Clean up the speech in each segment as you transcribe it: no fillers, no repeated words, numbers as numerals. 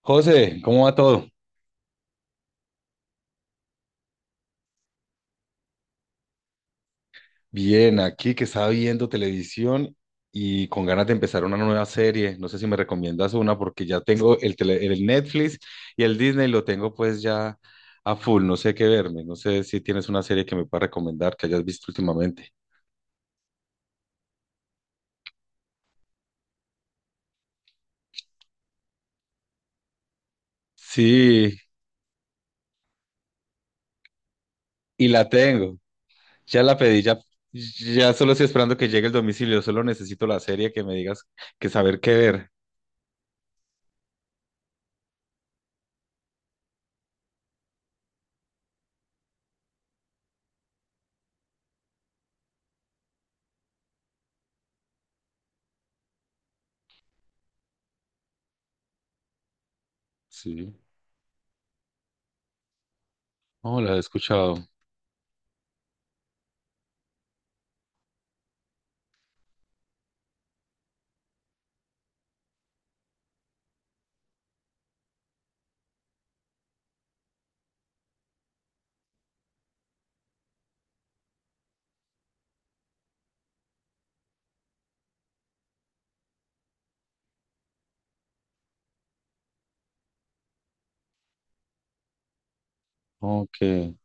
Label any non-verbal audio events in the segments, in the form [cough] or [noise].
José, ¿cómo va todo? Bien, aquí que estaba viendo televisión y con ganas de empezar una nueva serie. No sé si me recomiendas una porque ya tengo el Netflix y el Disney lo tengo pues ya a full. No sé qué verme. No sé si tienes una serie que me pueda recomendar que hayas visto últimamente. Sí, y la tengo. Ya la pedí, ya, ya solo estoy esperando que llegue el domicilio. Solo necesito la serie que me digas que saber qué ver. Sí. Oh, la he escuchado. Ok. Te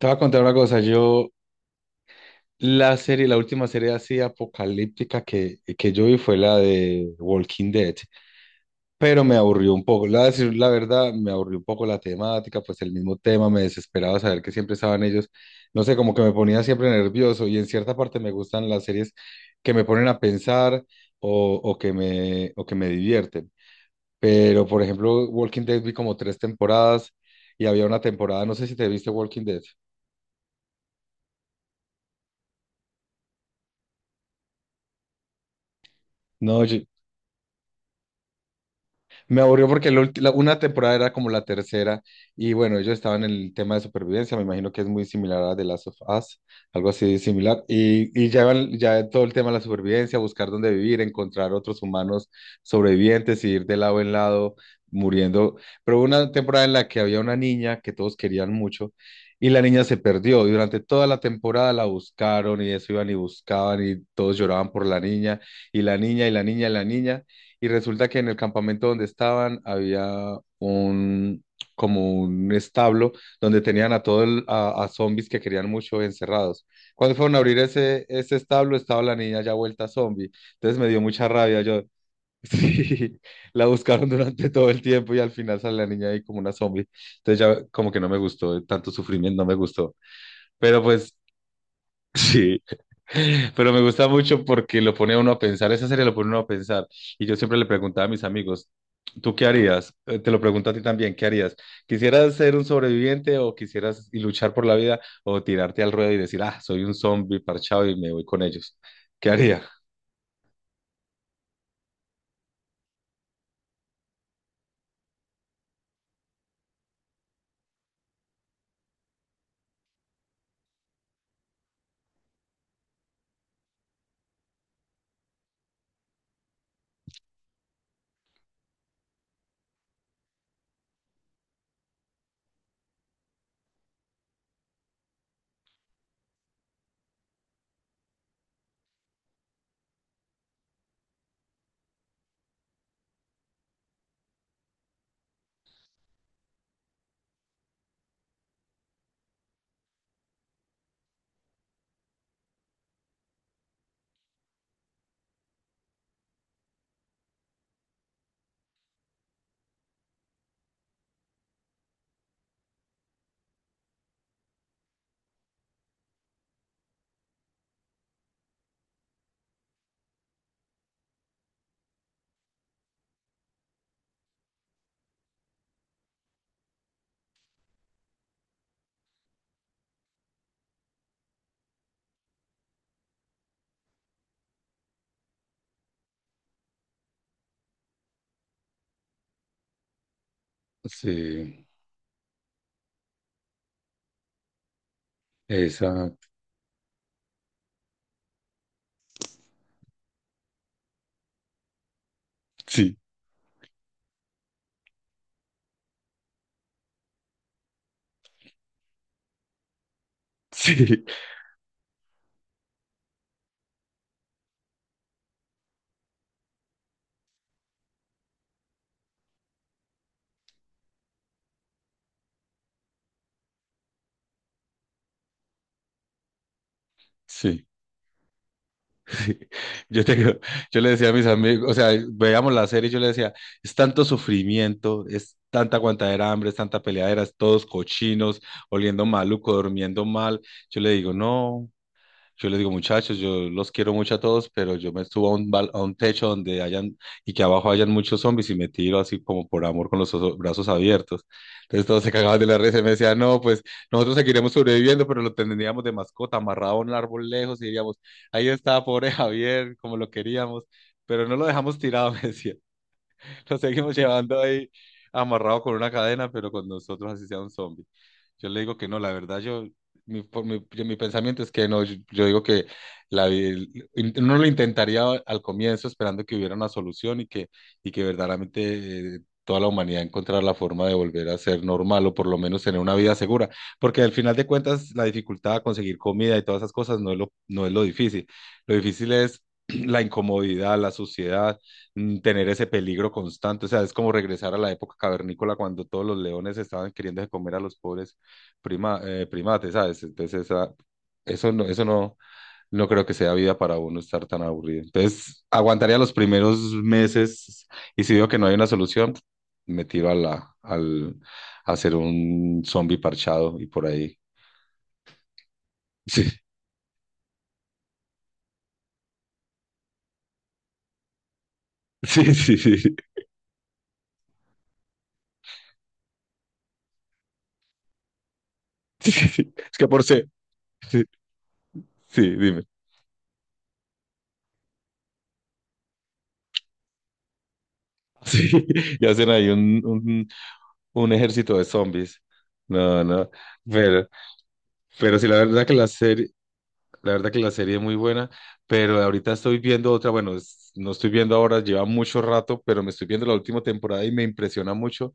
voy a contar una cosa. Yo La serie, la última serie así apocalíptica que yo vi fue la de Walking Dead, pero me aburrió un poco. Voy a decir la verdad, me aburrió un poco la temática, pues el mismo tema, me desesperaba saber que siempre estaban ellos, no sé, como que me ponía siempre nervioso y en cierta parte me gustan las series que me ponen a pensar o que me divierten. Pero, por ejemplo, Walking Dead vi como tres temporadas y había una temporada, no sé si te viste Walking Dead. No, me aburrió porque una temporada era como la tercera y bueno, ellos estaban en el tema de supervivencia, me imagino que es muy similar a The Last of Us, algo así similar, y ya todo el tema de la supervivencia, buscar dónde vivir, encontrar otros humanos sobrevivientes y ir de lado en lado muriendo. Pero hubo una temporada en la que había una niña que todos querían mucho y la niña se perdió y durante toda la temporada la buscaron y eso iban y buscaban y todos lloraban por la niña y la niña y la niña y la niña. Y resulta que en el campamento donde estaban había un como un establo donde tenían a a zombies que querían mucho encerrados. Cuando fueron a abrir ese establo, estaba la niña ya vuelta zombie. Entonces me dio mucha rabia. [laughs] Sí, la buscaron durante todo el tiempo y al final sale la niña ahí como una zombie. Entonces ya como que no me gustó, tanto sufrimiento no me gustó. Pero pues, [laughs] sí. Pero me gusta mucho porque lo pone a uno a pensar, esa serie lo pone a uno a pensar. Y yo siempre le preguntaba a mis amigos, ¿tú qué harías? Te lo pregunto a ti también, ¿qué harías? ¿Quisieras ser un sobreviviente o quisieras y luchar por la vida o tirarte al ruedo y decir, ah, soy un zombie parchado y me voy con ellos? ¿Qué haría? Sí, esa, sí, [laughs] sí, sí. Sí, yo, tengo- yo le decía a mis amigos, o sea, veíamos la serie y yo le decía, es tanto sufrimiento, es tanta aguantadera de hambre, es tanta peleadera, es todos cochinos, oliendo maluco, durmiendo mal. No, yo les digo, muchachos, yo los quiero mucho a todos, pero yo me subo a a un techo donde hayan y que abajo hayan muchos zombies y me tiro así como por amor con los brazos abiertos. Entonces todos se cagaban de la risa y me decían, no, pues nosotros seguiremos sobreviviendo, pero lo tendríamos de mascota amarrado a un árbol lejos y diríamos, ahí está, pobre Javier, como lo queríamos, pero no lo dejamos tirado, [laughs] me decían. [laughs] Lo seguimos llevando ahí amarrado con una cadena, pero con nosotros así sea un zombie. Yo le digo que no, la verdad, yo, mi, por mi, yo- mi pensamiento es que no, yo digo que uno lo intentaría al comienzo esperando que hubiera una solución y que verdaderamente toda la humanidad encontrara la forma de volver a ser normal o por lo menos tener una vida segura, porque al final de cuentas la dificultad a conseguir comida y todas esas cosas no es lo difícil es [clears throat] la incomodidad, la suciedad tener ese peligro constante. O sea, es como regresar a la época cavernícola cuando todos los leones estaban queriendo comer a los pobres primates, ¿sabes? Entonces, eso no, no creo que sea vida para uno estar tan aburrido. Entonces, aguantaría los primeros meses y si veo que no hay una solución, me tiro a ser un zombie parchado y por ahí. [laughs] Sí, sí, sí, sí. Sí, sí, sí. Es que por ser, Sí, sí, dime. Sí, [laughs] y hacen ahí un ejército de zombies. No, no, pero, pero sí, la verdad que la serie es muy buena, pero ahorita estoy viendo otra, bueno, no estoy viendo ahora, lleva mucho rato, pero me estoy viendo la última temporada y me impresiona mucho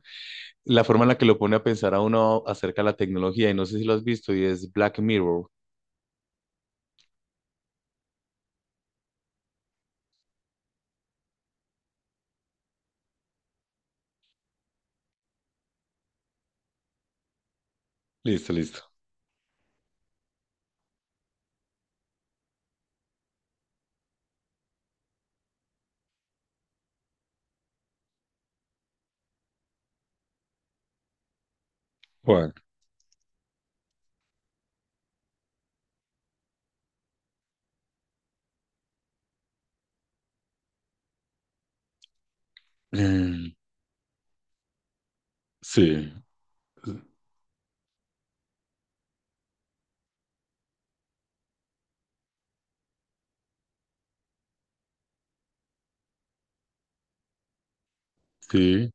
la forma en la que lo pone a pensar a uno acerca de la tecnología, y no sé si lo has visto, y es Black Mirror. Listo, listo. Juan. [clears throat] Mm, sí, sí,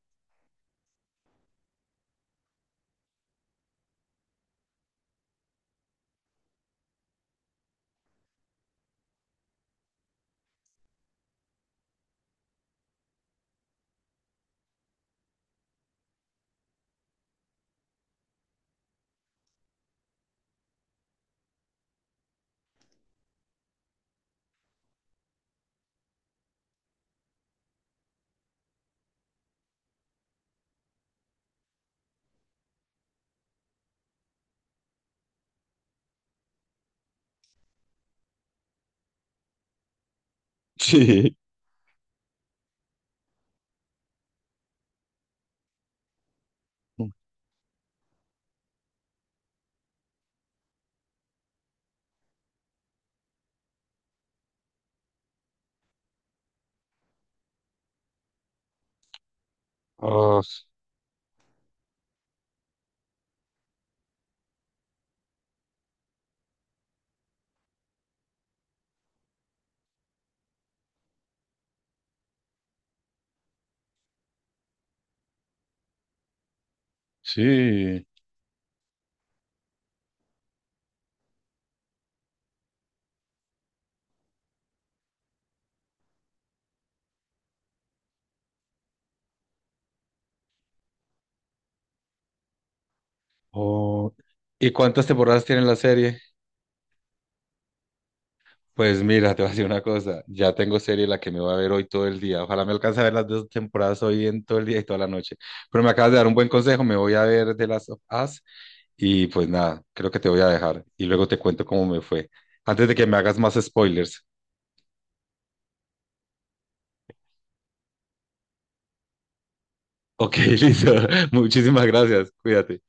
sí. Ah, sí. Oh, ¿y cuántas temporadas tiene la serie? Pues mira, [laughs] te voy a decir una cosa, ya tengo serie la que me voy a ver hoy todo el día. Ojalá me alcance a ver las dos temporadas hoy en todo el día y toda la noche. Pero me acabas de dar un buen consejo, me voy a ver de las of Us y pues nada, creo que te voy a dejar y luego te cuento cómo me fue. Antes de que me hagas más spoilers. Ok, [laughs] listo. Muchísimas gracias. Cuídate.